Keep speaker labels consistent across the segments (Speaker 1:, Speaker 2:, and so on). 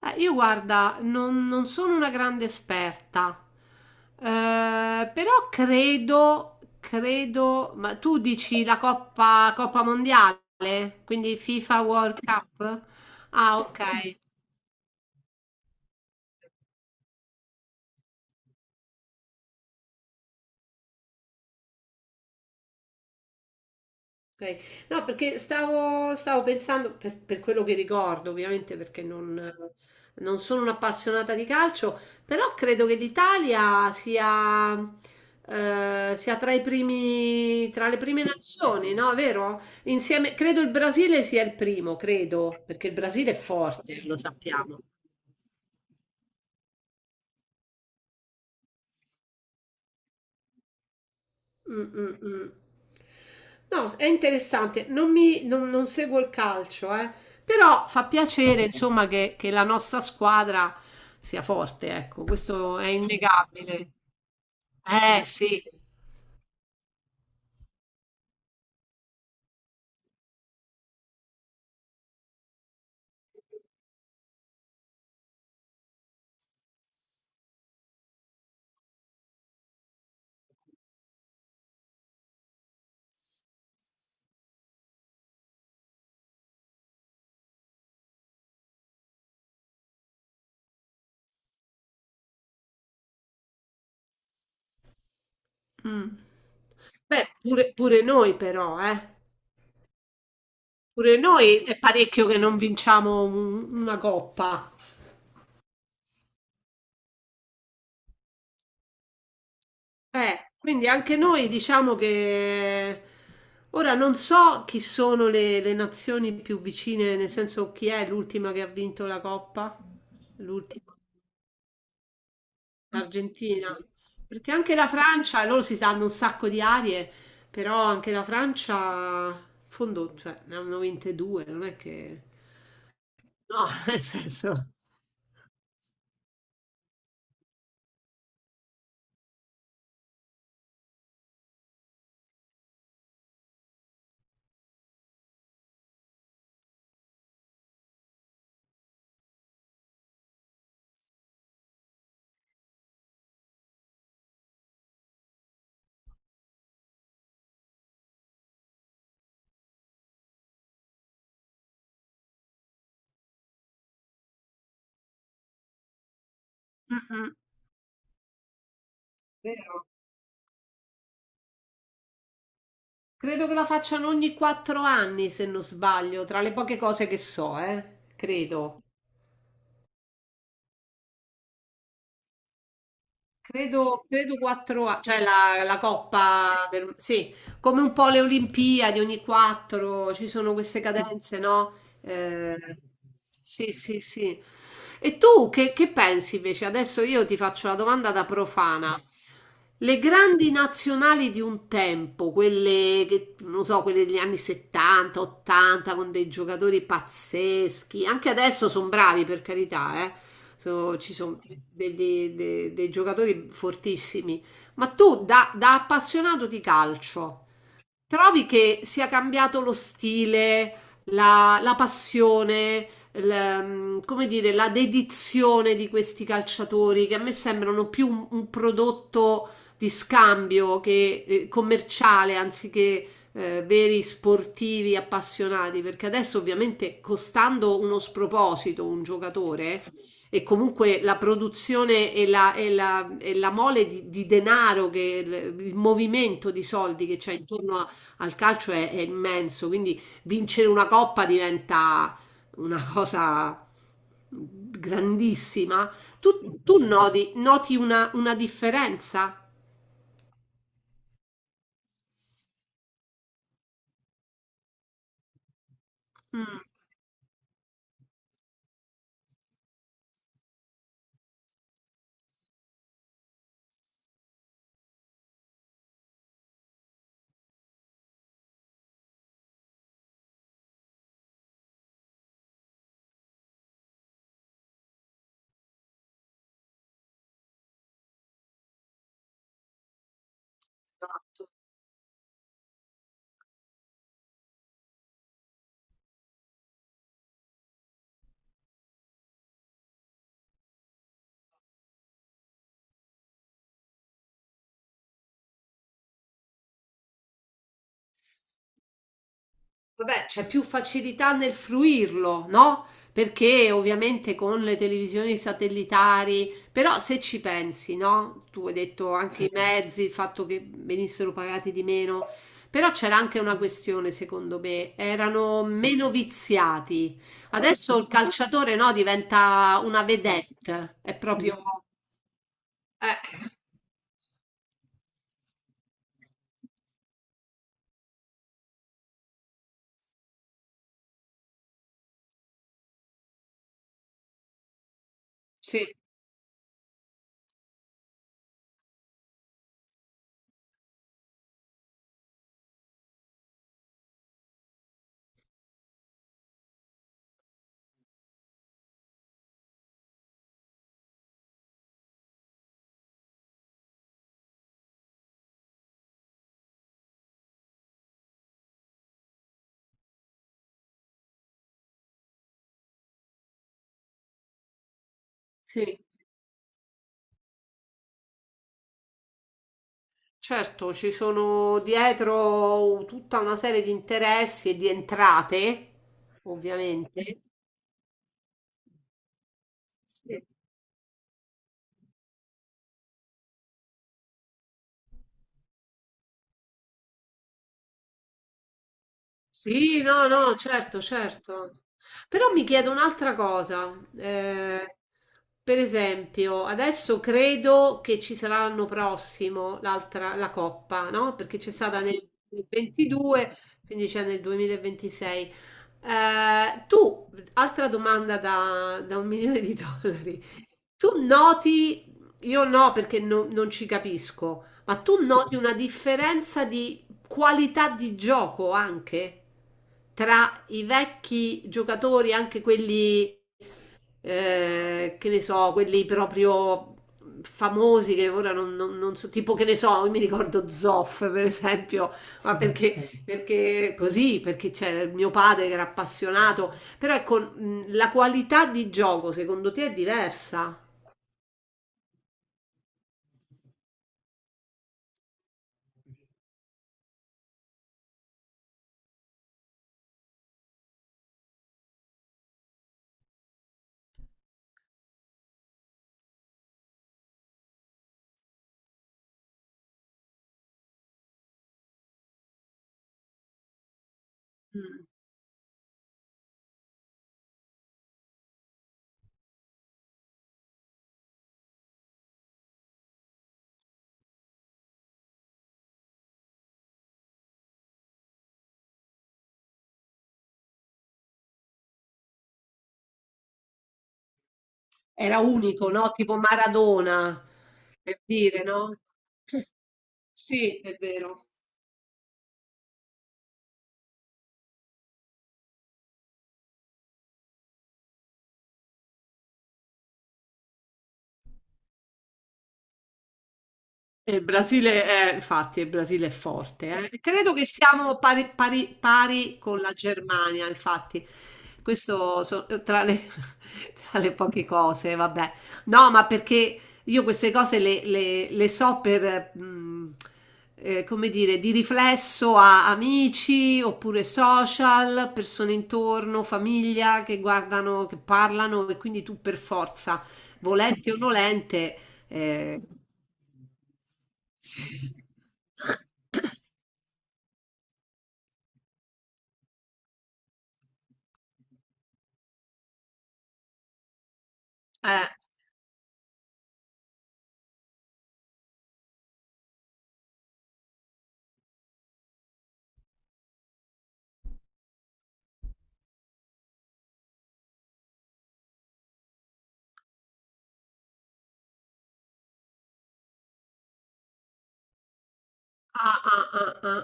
Speaker 1: Io guarda, non sono una grande esperta, però credo, ma tu dici la Coppa Mondiale, quindi FIFA World Cup? Ah, ok. Okay. No, perché stavo pensando, per quello che ricordo ovviamente, perché non sono un'appassionata di calcio, però credo che l'Italia sia tra i primi, tra le prime nazioni, no? Vero? Insieme, credo il Brasile sia il primo, credo, perché il Brasile è forte, lo sappiamo. Mh, mh, mh. No, è interessante. Non mi, non, non seguo il calcio, eh. Però fa piacere, insomma, che la nostra squadra sia forte, ecco, questo è innegabile. Sì. Mm. Beh, pure noi però, eh. Pure noi è parecchio che non vinciamo una coppa. Quindi anche noi diciamo che ora non so chi sono le nazioni più vicine, nel senso chi è l'ultima che ha vinto la Coppa? L'ultima, l'Argentina. Perché anche la Francia, loro si danno un sacco di arie, però anche la Francia, in fondo, cioè, ne hanno vinte due, non è che. No, nel senso. Mm-mm. Vero. Credo che la facciano ogni 4 anni, se non sbaglio, tra le poche cose che so, credo. Credo 4 anni, cioè la Coppa del. Sì, come un po' le Olimpiadi ogni quattro, ci sono queste cadenze, no? Eh, sì, sì, sì. E tu che pensi invece? Adesso io ti faccio la domanda da profana. Le grandi nazionali di un tempo, quelle che, non so, quelle degli anni 70, 80, con dei giocatori pazzeschi, anche adesso sono bravi per carità, eh? Ci sono dei giocatori fortissimi. Ma tu, da appassionato di calcio, trovi che sia cambiato lo stile, la passione, come dire, la dedizione di questi calciatori che a me sembrano più un prodotto di scambio che commerciale anziché veri sportivi appassionati, perché adesso ovviamente costando uno sproposito un giocatore e comunque la produzione e la mole di denaro, il movimento di soldi che c'è intorno a al calcio è immenso, quindi vincere una coppa diventa una cosa grandissima. Tu noti una differenza? Mm, esatto. Vabbè, c'è più facilità nel fruirlo, no? Perché ovviamente con le televisioni satellitari, però se ci pensi, no? Tu hai detto anche i mezzi, il fatto che venissero pagati di meno, però c'era anche una questione, secondo me, erano meno viziati. Adesso il calciatore, no, diventa una vedette, è proprio. Eh, sì, sì. Certo, ci sono dietro tutta una serie di interessi e di entrate, ovviamente. Sì. Sì, no, no, certo, certo. Però mi chiedo un'altra cosa. eh, per esempio, adesso credo che ci sarà l'anno prossimo l'altra, la Coppa, no? Perché c'è stata nel 22, quindi c'è nel 2026. Tu, altra domanda da un milione di dollari. Tu noti, io no perché non ci capisco, ma tu noti una differenza di qualità di gioco anche tra i vecchi giocatori, anche quelli, che ne so, quelli proprio famosi che ora non so, tipo che ne so, io mi ricordo Zoff per esempio, ma perché, perché così, perché c'era il mio padre che era appassionato, però ecco, la qualità di gioco secondo te è diversa? Mm. Era unico, no? Tipo Maradona, per dire, no? Sì, è vero. E il Brasile è, infatti, il Brasile è forte. Eh. Credo che siamo pari con la Germania, infatti. Questo tra le, tra le poche cose, vabbè. No, ma perché io queste cose le so come dire, di riflesso a amici oppure social, persone intorno, famiglia che guardano, che parlano e quindi tu per forza, volente o nolente. Ehm Sì. Eh. Ah, ah, ah, ah.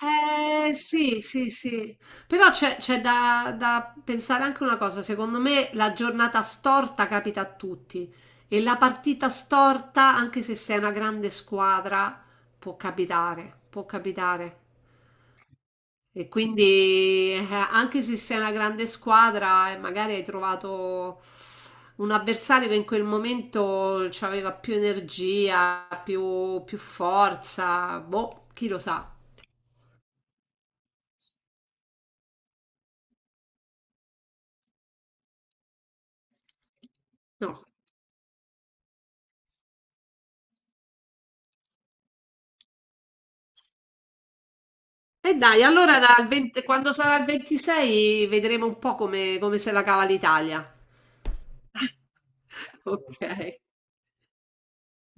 Speaker 1: Sì, sì, sì. Però c'è da pensare anche una cosa, secondo me la giornata storta capita a tutti e la partita storta, anche se sei una grande squadra, può capitare, può capitare. E quindi anche se sei una grande squadra e magari hai trovato un avversario che in quel momento aveva più energia, più forza, boh, chi lo sa. No. E dai, allora dal 20 quando sarà il 26 vedremo un po' come se la cava l'Italia. Ok,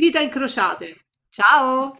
Speaker 1: dita incrociate. Ciao!